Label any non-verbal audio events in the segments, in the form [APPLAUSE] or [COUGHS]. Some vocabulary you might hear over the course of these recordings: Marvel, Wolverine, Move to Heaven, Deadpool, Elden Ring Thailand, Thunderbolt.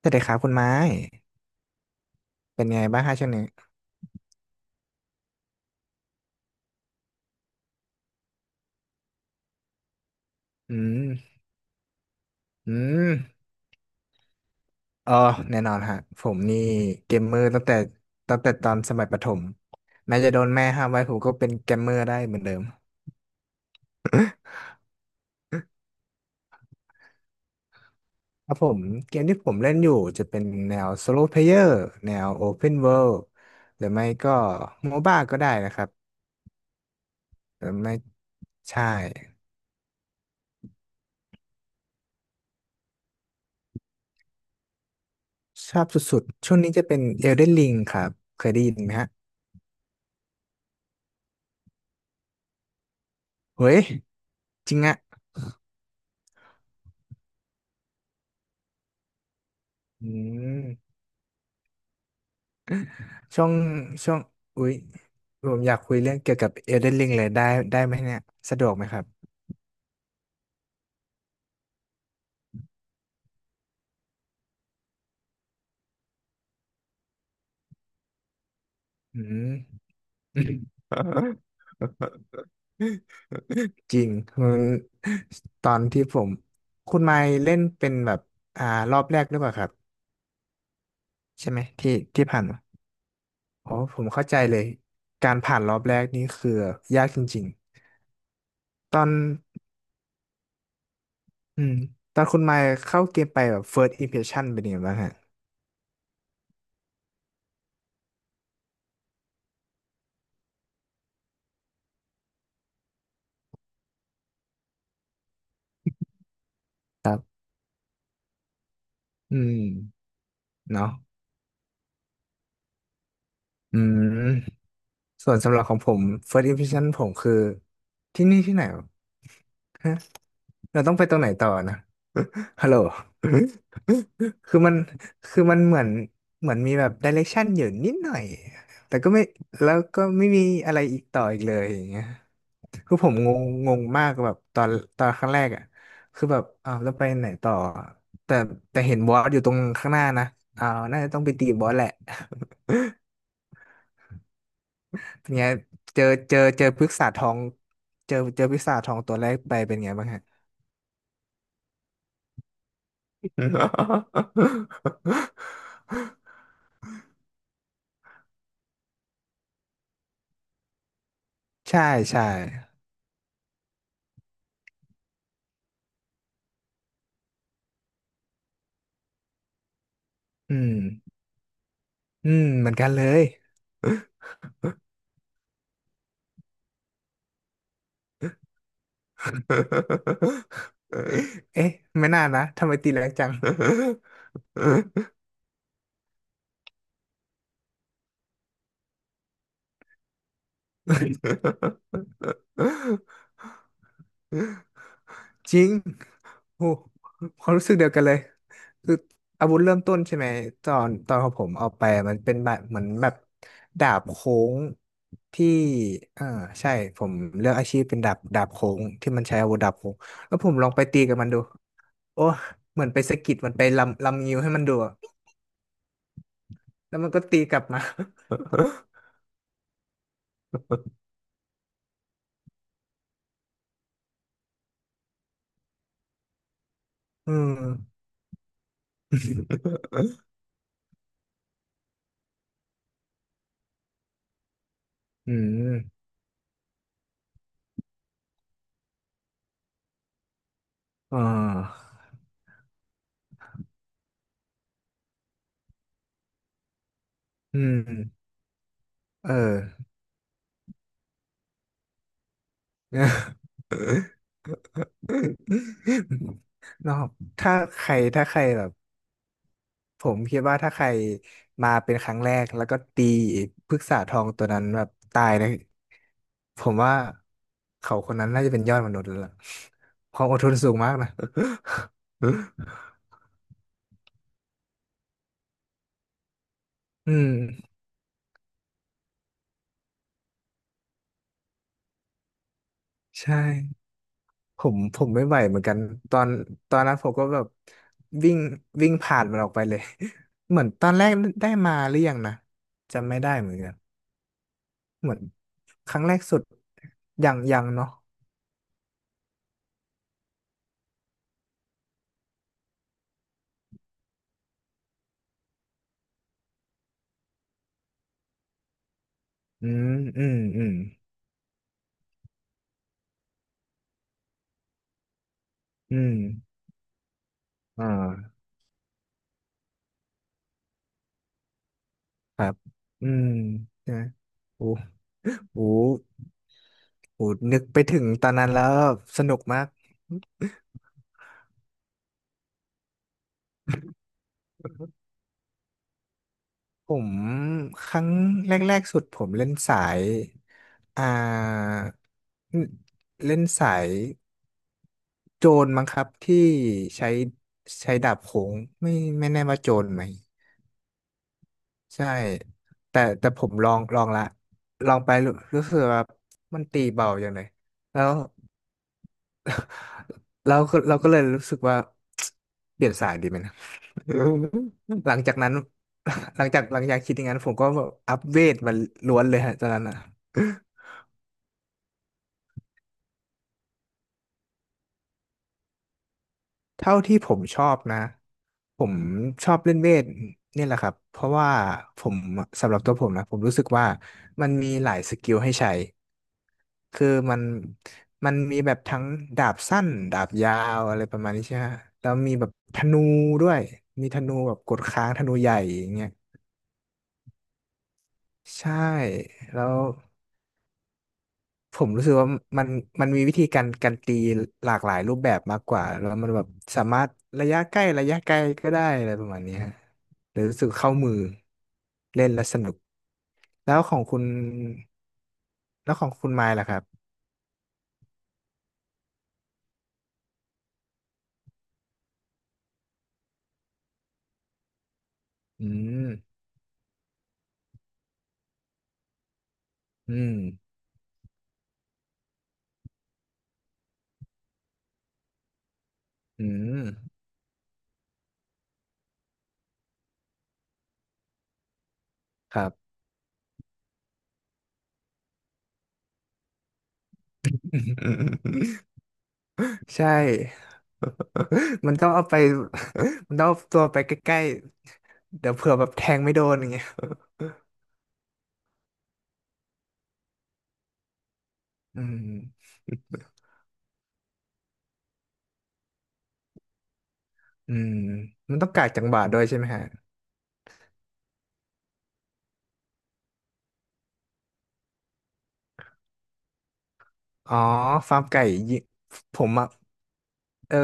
สวัสดีครับคุณไม้เป็นไงบ้างฮะช่วงนี้อืมอืมเอ๋อแน่นอนฮะผมนี่เกมเมอร์ตั้งแต่ตอนสมัยประถมแม้จะโดนแม่ห้ามไว้ผมก็เป็นเกมเมอร์ได้เหมือนเดิม [COUGHS] [LAUGHS] ครับผมเกมที่ผมเล่นอยู่จะเป็นแนว s o โล p เพ y เ r อร์แนว Open World หรือไม่ก็โมบ้าก็ได้นะครับหรือไม่ใช่ชอบสุดๆช่วงนี้จะเป็น Elden Ring ครับเคยได้ยินไหมฮะเฮ้ยจริงอะอืม ช่วงช่วงอุ๊ยผมอยากคุยเรื่องเกี่ยวกับ Elden Ring เลยได้ไหมเนี่ยสะดวกไหมครับอืม [LAUGHS] จริงมันตอนที่ผมคุณไมค์เล่นเป็นแบบอ่ารอบแรกหรือเปล่าครับใช่ไหมที่ผ่านมาอ๋อผมเข้าใจเลยการผ่านรอบแรกนี่คือยากจริงๆอืมตอนคุณไมค์เข้าเกมไปแบบ first impression เป็นยังไงบ้างฮะอืมเนาะอืม ส่วนสำหรับของผม first impression ผมคือที่นี่ที่ไหนวะฮะเราต้องไปตรงไหนต่อนะ [LAUGHS] ฮัลโหล [LAUGHS] คือมัน คือมันเหมือนมีแบบ direction อยู่นิดหน่อย แต่ก็ไม่ แล้วก็ไม่มีอะไรอีกต่ออีกเลยอย่างเงี้ยคือผมงงงงมากแบบตอนครั้งแรกอ่ะคือแบบอ้าวแล้วไปไหนต่อ แต่แต่เห็นบอสอยู่ตรงข้างหน้านะอ้าวน่าจะต้องไปตีบอสแหละ [LAUGHS] เนี่ยเจอพฤกษาทองเจอเจอพฤกษาทองตัวแรกไปเป็นไงบ้างฮะใช่ใช่อืมอืมเหมือนกันเลยเอ๊ะไม่น่านะทำไมตีแรงจัง จริงโอ้ความรู้สึกเดียวกันเลยคืออาวุธเริ่มต้นใช่ไหมตอนของผมเอาไปมันเป็นแบบดาบโค้งที่อ่าใช่ผมเลือกอาชีพเป็นดาบโค้งที่มันใช้อาวุธดาบโค้ง แล้วผมลองไปตีกับมันดู โอ้เหมือนไปสะกิดมันไปลำงิ้วให้มันดูอะแล้วมันก็ตีกลับมา [LAUGHS] อืมอืมอ่าอืมเออ [LAUGHS] [LAUGHS] นอกถ้าใครถ้าใครแบบผมคิดว่าถ้าใครมาเป็นครั้งแรกแล้วก็ตีพฤกษาทองตัวนั้นแบบตายนะผมว่าเขาคนนั้นน่าจะเป็นยอดมนุษย์แล้วล่ะความอดทนสูงมากนะ [LAUGHS] อืมใช่ผมไม่ไหวเหมือนกันตอนตอนนั้นผมก็แบบวิ่งวิ่งผ่านมันออกไปเลย [LAUGHS] เหมือนตอนแรกได้มาหรือยังนะจำไม่ได้เหมือนกัน เหมือนครั้งแรกสุดยังเนาะอืมอืมอืมอืมอ่าครับอืมนะโอ้โหโอ้โหนึกไปถึงตอนนั้นแล้วสนุกมาก ผมครั้งแรกๆสุดผมเล่นสายอ่าเล่นเล่นสายโจรมั้งครับที่ใช้ใช้ดาบโขงไม่ไม่แน่ว่าโจรไหม ใช่แต่ผมลองละลองไปรู้สึกว่ามันตีเบาอย่างเลยแล้วแล้วก็เราก็เลยรู้สึกว่า [TSK] เปลี่ยนสายดีไหมนะ [LAUGHS] หลังจากนั้น [LAUGHS] หลังจากคิดอย่างนั้นผมก็แบบอัพเวทมาล้วนเลยฮะตอนนั้นอ่ะเท่าที่ผมชอบนะผมชอบเล่นเวทนี่แหละครับเพราะว่าผมสำหรับตัวผมนะผมรู้สึกว่ามันมีหลายสกิลให้ใช้ คือมันมันมีแบบทั้งดาบสั้นดาบยาวอะไรประมาณนี้ใช่ไหมฮะแล้วมีแบบธนูด้วยมีธนูแบบกดค้างธนูใหญ่อย่างเงี้ยใช่แล้วผมรู้สึกว่ามันมันมีวิธีการตีหลากหลายรูปแบบมากกว่าแล้วมันแบบสามารถระยะใกล้ระยะไกลก็ได้อะไรประมาณนี้ฮะเลยรู้สึกเข้ามือเล่นแล้วสนุกแล้วของคุณแล้วของคุณไมล์ล่ะครับอืมอืมอืมครับ อืมใช่ [LAUGHS] มันต้องเอาไป [LAUGHS] มันต้องเอาตัวไปใกล้ๆ เดี๋ยวเผื่อแบบแทงไม่โดนอย่างเงี้ยอืมอืมมันต้องกากจังหวะด้วยใช่ไหมฮะ อ๋อฟาร์มไก่ยิผมอ่ะเออ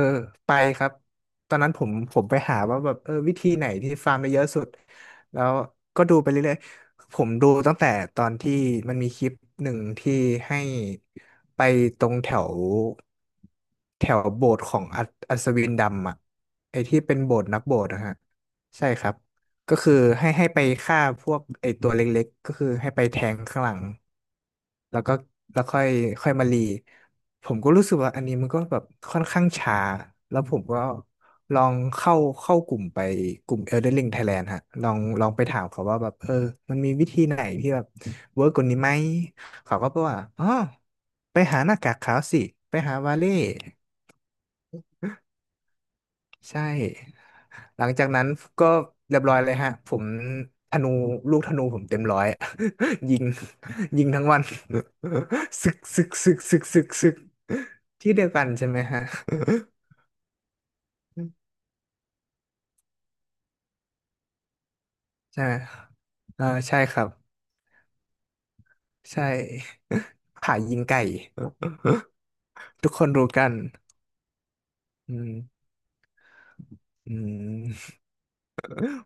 ไปครับตอนนั้นผมไปหาว่าแบบเออวิธีไหนที่ฟาร์มได้เยอะสุดแล้วก็ดูไปเรื่อยๆผมดูตั้งแต่ตอนที่มันมีคลิปหนึ่งที่ให้ไปตรงแถวแถวโบสถ์ของอัศวินดำอ่ะไอ้ที่เป็นโบสถ์นักโบสถ์นะฮะใช่ครับก็คือให้ไปฆ่าพวกไอตัวเล็กๆก็คือให้ไปแทงข้างหลัง แล้วก็แล้วค่อยค่อยมารีผมก็รู้สึกว่าอันนี้มันก็แบบค่อนข้างช้าแล้วผมก็ลองเข้าเข้ากลุ่มไปกลุ่ม Elden Ring Thailand ฮะลองไปถามเขาว่าแบบเออมันมีวิธีไหนที่แบบเวิร์กกว่านี้ไหมเขาก็บอกว่าอ๋อไปหาหน้ากากขาวสิไปหาวาเล่ ใช่ หลังจากนั้นก็เรียบร้อยเลยฮะ ผมธนูลูกธนูผมเต็มร้อย [LAUGHS] ยิงยิงทั้งวัน [LAUGHS] ซึกซึกซึกซึกซึกซึกที่เดียวกันใช่ไหมฮะ [LAUGHS] ใช่ไหมอ่าใช่ครับใช่ [LAUGHS] ผ่ายิงไก่ [LAUGHS] ทุกคนรู้กันอืมอืม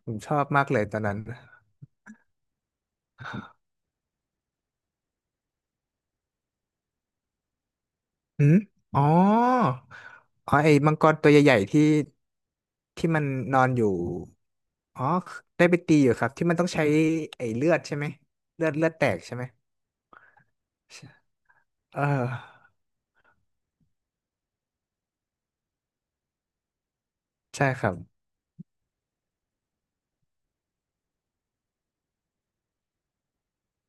ผมชอบมากเลยตอนนั้นอืมอ๋ออ๋อไอ้มังกรตัวใหญ่ๆที่ที่มันนอนอยู่ อ๋อ ได้ไปตีอยู่ครับที่มันต้องใช้ไอ้เลือดใช่ไหมเลือดแตกใช่ไหมใช่เออใช่ครับ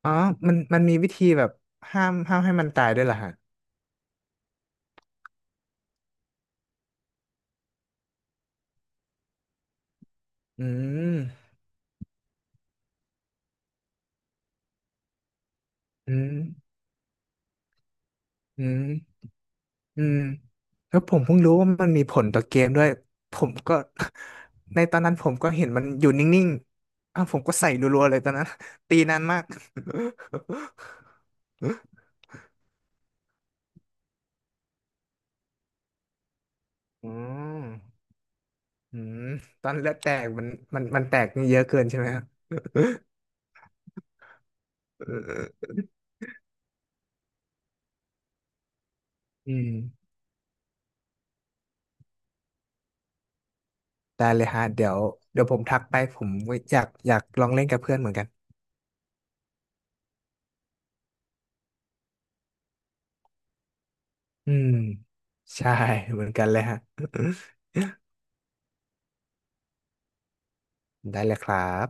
อ๋อมันมีวิธีแบบห้ามให้มันตายด้วยเหรอฮะอืมอืมอืมอืมแล้วผมเพิ่งรู้ว่ามันมีผลต่อเกมด้วยผมก็ [LAUGHS] ในตอนนั้นผมก็เห็นมันอยู่นิ่งๆอ้าวผมก็ใส่รัวๆเลยตอนนั้น [LAUGHS] ตีนานมาก [LAUGHS] อืม อืมตอนเลือดแตกมันมันแตกนี่เยอะเกินใช่ไหมครับ [LAUGHS] อืมได้เลยฮะเดี๋ยวผมทักไปผมอยากลองเล่นกับเพื่อนเหมือนกันอืมใช่เหมือนกันเลยฮะ [LAUGHS] ได้เลยครับ